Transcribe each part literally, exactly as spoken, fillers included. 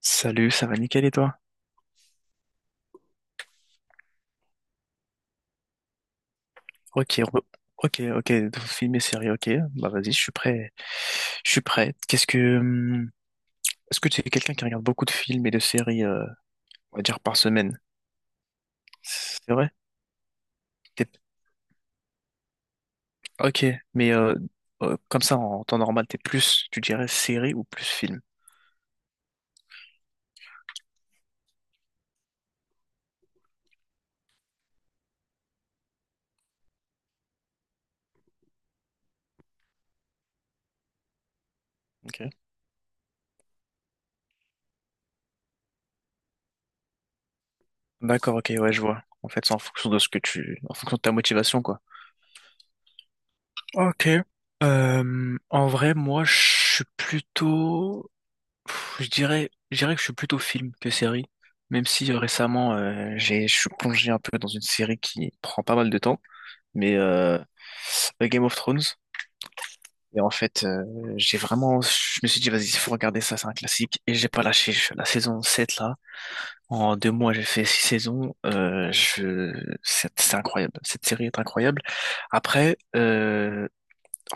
Salut, ça va nickel et toi? Ok, re- ok, ok, film et série, ok. Bah vas-y, je suis prêt. Je suis prêt. Qu'est-ce que, hum, est-ce que tu es quelqu'un qui regarde beaucoup de films et de séries, euh, on va dire par semaine? C'est vrai? T'es- Ok, mais euh, euh, comme ça en temps normal, t'es plus, tu dirais série ou plus film? Ok. D'accord, ok, ouais, je vois. En fait, c'est en fonction de ce que tu, en fonction de ta motivation, quoi. Ok. Euh, en vrai, moi, je suis plutôt Pff, Je dirais, je dirais que je suis plutôt film que série, même si euh, récemment euh, j'ai, je suis plongé un peu dans une série qui prend pas mal de temps, mais euh, euh, Game of Thrones. Et en fait, euh, j'ai vraiment, je me suis dit, vas-y, il faut regarder ça, c'est un classique. Et j'ai pas lâché. Je- La saison sept là, en deux mois, j'ai fait six saisons. Euh, je... C'est c'est incroyable. Cette série est incroyable. Après, euh,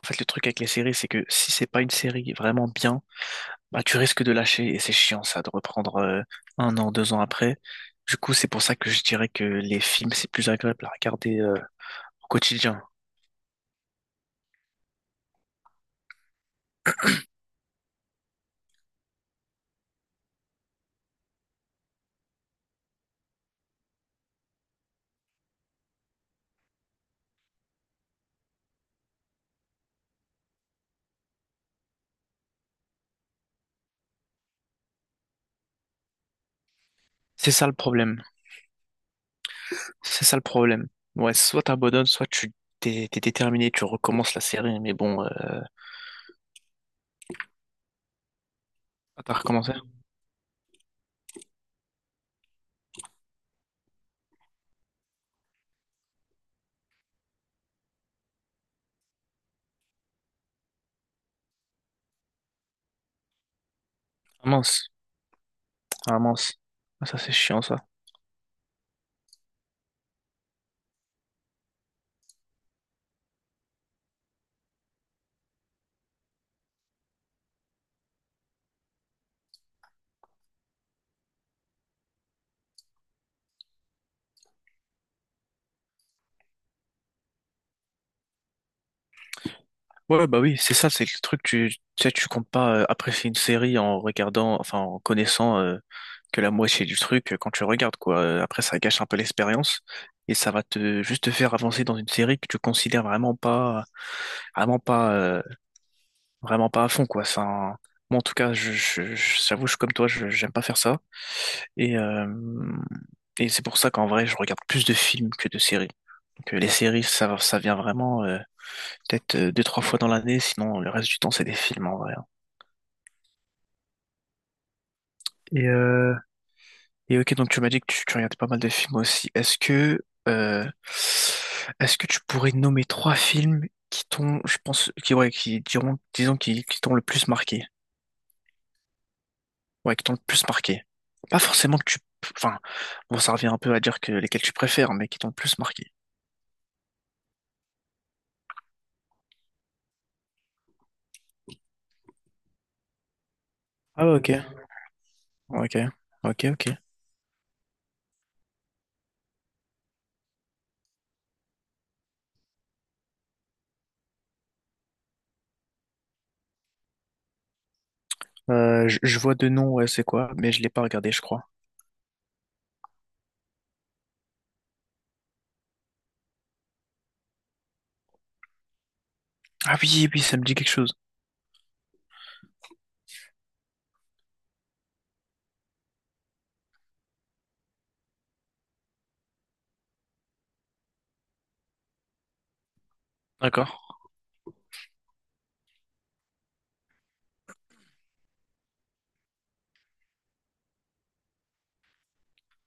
en fait, le truc avec les séries, c'est que si c'est pas une série vraiment bien, bah, tu risques de lâcher et c'est chiant ça, de reprendre euh, un an, deux ans après. Du coup, c'est pour ça que je dirais que les films, c'est plus agréable à regarder euh, au quotidien. C'est ça le problème. C'est ça le problème. Ouais, soit t'abandonnes, soit tu t'es t'es déterminé, tu recommences la série, mais bon, euh... Ah, t'as recommencé? Ah mince, ah mince. Ah, ça c'est chiant ça. Ouais, bah oui, c'est ça, c'est le truc, tu, tu sais, tu comptes pas euh, apprécier une série en regardant, enfin, en connaissant euh, que la moitié du truc euh, quand tu regardes, quoi. Euh, Après, ça gâche un peu l'expérience et ça va te juste te faire avancer dans une série que tu considères vraiment pas, vraiment pas, euh, vraiment pas à fond, quoi. C'est un- Moi, en tout cas, je, je, je- j'avoue, je suis comme toi, je, j'aime pas faire ça. Et, euh, et c'est pour ça qu'en vrai, je regarde plus de films que de séries. Donc, euh, les séries, ça, ça vient vraiment, euh, peut-être euh, deux, trois fois dans l'année, sinon le reste du temps, c'est des films en vrai, hein. Et, euh, et ok, donc tu m'as dit que tu, tu regardais pas mal de films aussi. Est-ce que, euh, Est-ce que tu pourrais nommer trois films qui t'ont, je pense, qui, ouais, qui diront, disons, qui, qui t'ont le plus marqué? Ouais, qui t'ont le plus marqué. Pas forcément que tu, enfin, bon, ça revient un peu à dire que lesquels tu préfères, mais qui t'ont le plus marqué. Ah, ok, ok, ok, ok. Euh, je, je vois de nom, ouais, c'est quoi, mais je l'ai pas regardé, je crois. Ah oui, oui, ça me dit quelque chose. D'accord.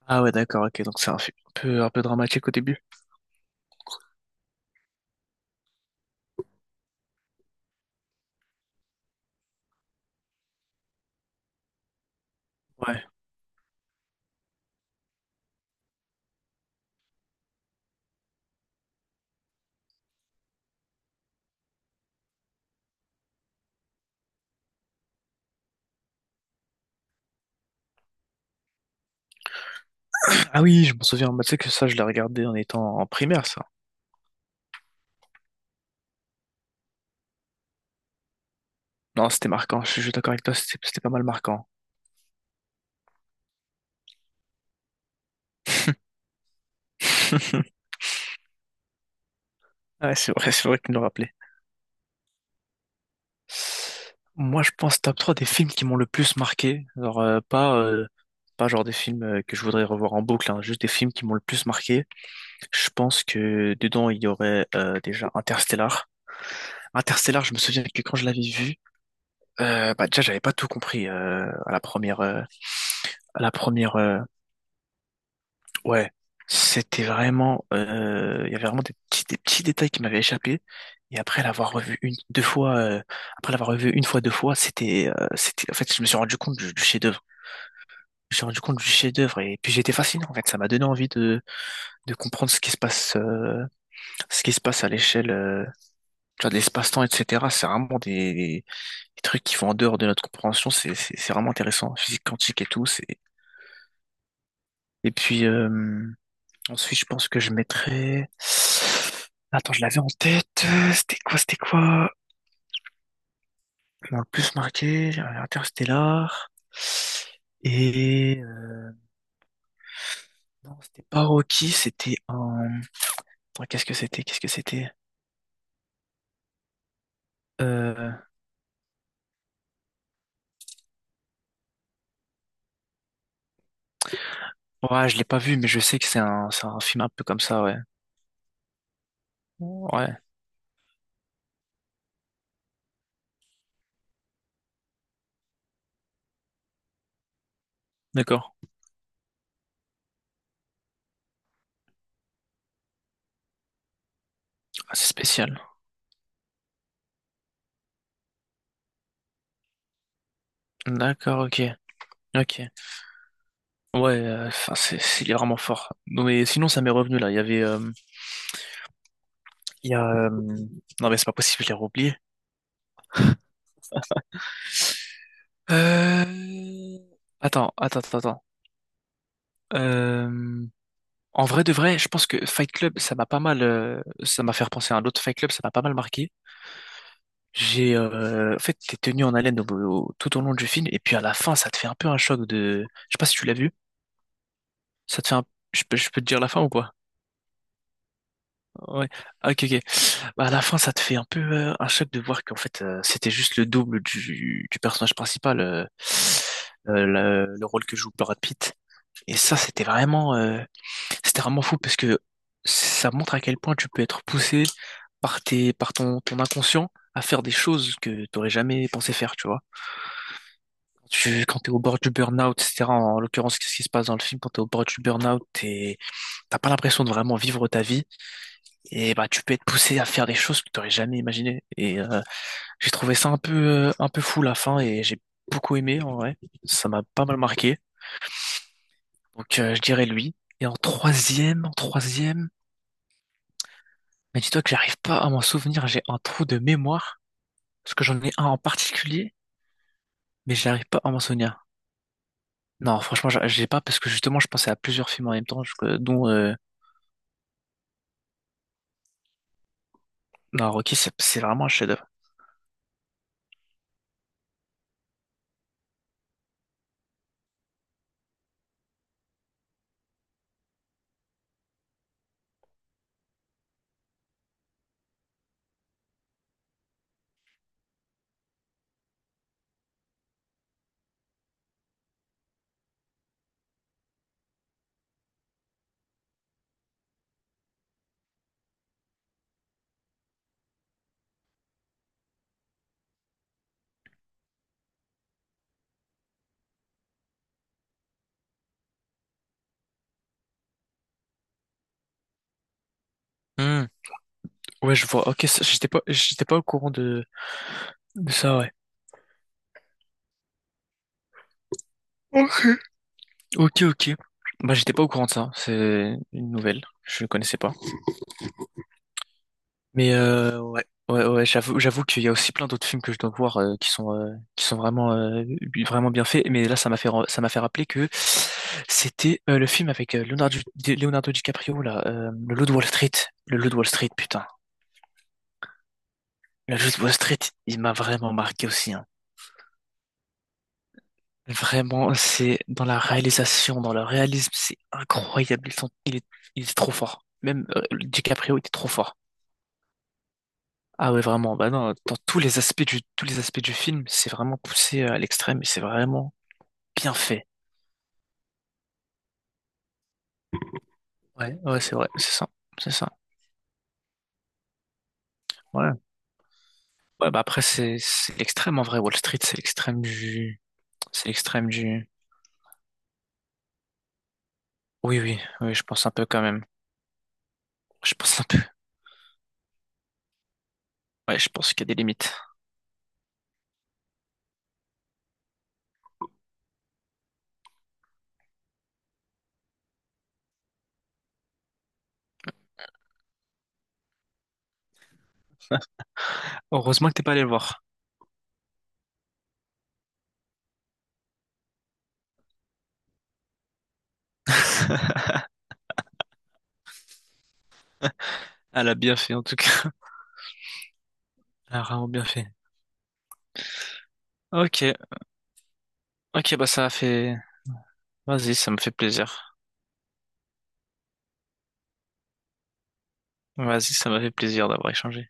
Ah ouais, d'accord, ok, donc c'est un film un peu, un peu dramatique au début. Ouais. Ah oui, je m'en souviens, bah, tu sais que ça, je l'ai regardé en étant en primaire, ça. Non, c'était marquant, je suis d'accord avec toi, c'était c'était pas mal marquant. Ouais, c'est vrai, c'est vrai que tu me le rappelais. Moi, je pense top trois des films qui m'ont le plus marqué. Alors, euh, pas, euh, pas genre des films euh, que je voudrais revoir en boucle, hein, juste des films qui m'ont le plus marqué. Je pense que dedans, il y aurait euh, déjà Interstellar. Interstellar, je me souviens que quand je l'avais vu, euh, bah déjà, j'avais pas tout compris euh, à la première, euh, à la première, euh, Ouais, c'était vraiment, euh, il y avait vraiment des petits, des petits détails qui m'avaient échappé. Et après l'avoir revu une, deux fois, euh, après l'avoir revu une fois, deux fois, c'était, euh, c'était, en fait, je me suis rendu compte du, du chef-d'œuvre. Je me suis rendu compte du chef-d'œuvre et puis j'étais fasciné. En fait, ça m'a donné envie de, de comprendre ce qui se passe, euh, ce qui se passe à l'échelle, euh, tu vois, de l'espace-temps, et cetera. C'est vraiment des, des trucs qui vont en dehors de notre compréhension. C'est c'est- c'est vraiment intéressant. Physique quantique et tout. c'est- Et puis, euh, ensuite, je pense que je mettrais... Attends, je l'avais en tête. euh, C'était quoi, c'était quoi? Bon, le plus marqué, j'avais Interstellar. Et... euh, Non, c'était pas Rocky, c'était un... Attends, qu'est-ce que c'était? Qu'est-ce que c'était? Euh... Ouais, je l'ai pas vu, mais je sais que c'est un, c'est un film un peu comme ça, ouais. Ouais, d'accord. Ah, c'est spécial. D'accord, ok. Ok. Ouais, euh, enfin, c'est, c'est- il est vraiment fort. Non, mais sinon, ça m'est revenu là. Il y avait. Euh, il y a. Euh, non, mais c'est pas possible, je l'ai oublié. Euh... Attends, attends, attends, attends. Euh, En vrai de vrai, je pense que Fight Club, ça m'a pas mal, euh, ça m'a fait repenser à un autre Fight Club, ça m'a pas mal marqué. J'ai, euh, en fait, t'es tenu en haleine au- au- tout au long du film, et puis à la fin, ça te fait un peu un choc de, je sais pas si tu l'as vu, ça te fait un, je peux, je peux te dire la fin ou pas? Ouais, ah, ok, ok. Bah, à la fin, ça te fait un peu euh, un choc de voir qu'en fait, euh, c'était juste le double du, du personnage principal, euh, euh, le, le rôle que joue Brad Pitt. Et ça, c'était vraiment, euh, c'était vraiment fou parce que ça montre à quel point tu peux être poussé par tes, par ton, ton inconscient à faire des choses que t'aurais jamais pensé faire, tu vois. Tu, quand t'es au bord du burn-out, et cetera. En, en l'occurrence, qu'est-ce qui se passe dans le film? Quand t'es au bord du burn-out, t'es, t'as pas l'impression de vraiment vivre ta vie. Et bah, tu peux être poussé à faire des choses que tu n'aurais jamais imaginées. Et euh, j'ai trouvé ça un peu, euh, un peu fou la fin et j'ai beaucoup aimé en vrai. Ça m'a pas mal marqué. Donc euh, je dirais lui. Et en troisième, en troisième, mais dis-toi que j'arrive pas à m'en souvenir. J'ai un trou de mémoire parce que j'en ai un en particulier, mais j'arrive pas à m'en souvenir. Non, franchement, j'a- j'ai pas parce que justement, je pensais à plusieurs films en même temps, je- dont euh, non, Rocky, c'est c'est vraiment un chef. Hmm, Ouais, je vois. Ok, ça, j'étais pas, j'étais pas au courant de, de ça, ouais. Ok, ok. Bah, j'étais pas au courant de ça. C'est une nouvelle. Je ne connaissais pas. Mais euh, ouais, ouais, ouais, j'avoue, j'avoue qu'il y a aussi plein d'autres films que je dois voir euh, qui sont euh, qui sont vraiment euh, vraiment bien faits. Mais là, ça m'a fait ra- ça m'a fait rappeler que c'était euh, le film avec euh, Leonardo, Di- Leonardo DiCaprio là, euh, le Loup de Wall Street, le Loup de Wall Street, putain, le Loup de Wall Street, il m'a vraiment marqué aussi. Hein. Vraiment, c'est dans la réalisation, dans le réalisme, c'est incroyable. Ils sont- il est, il est trop fort. Même euh, DiCaprio était trop fort. Ah ouais, vraiment. Bah non, dans tous les aspects du, tous les aspects du film, c'est vraiment poussé à l'extrême et c'est vraiment bien fait. Ouais, ouais, c'est vrai, c'est ça, c'est ça. Ouais. Ouais, bah après, c'est, c'est l'extrême en vrai. Wall Street, c'est l'extrême du, c'est l'extrême du. Oui, oui, oui, je pense un peu quand même. Je pense un peu. Ouais, je pense qu'il y a des limites. Heureusement que t'es pas allé le voir. Elle a bien fait en tout cas. Elle a vraiment bien fait. Ok, ok, bah ça a fait. Vas-y, ça me fait plaisir. Vas-y, ça m'a fait plaisir d'avoir échangé.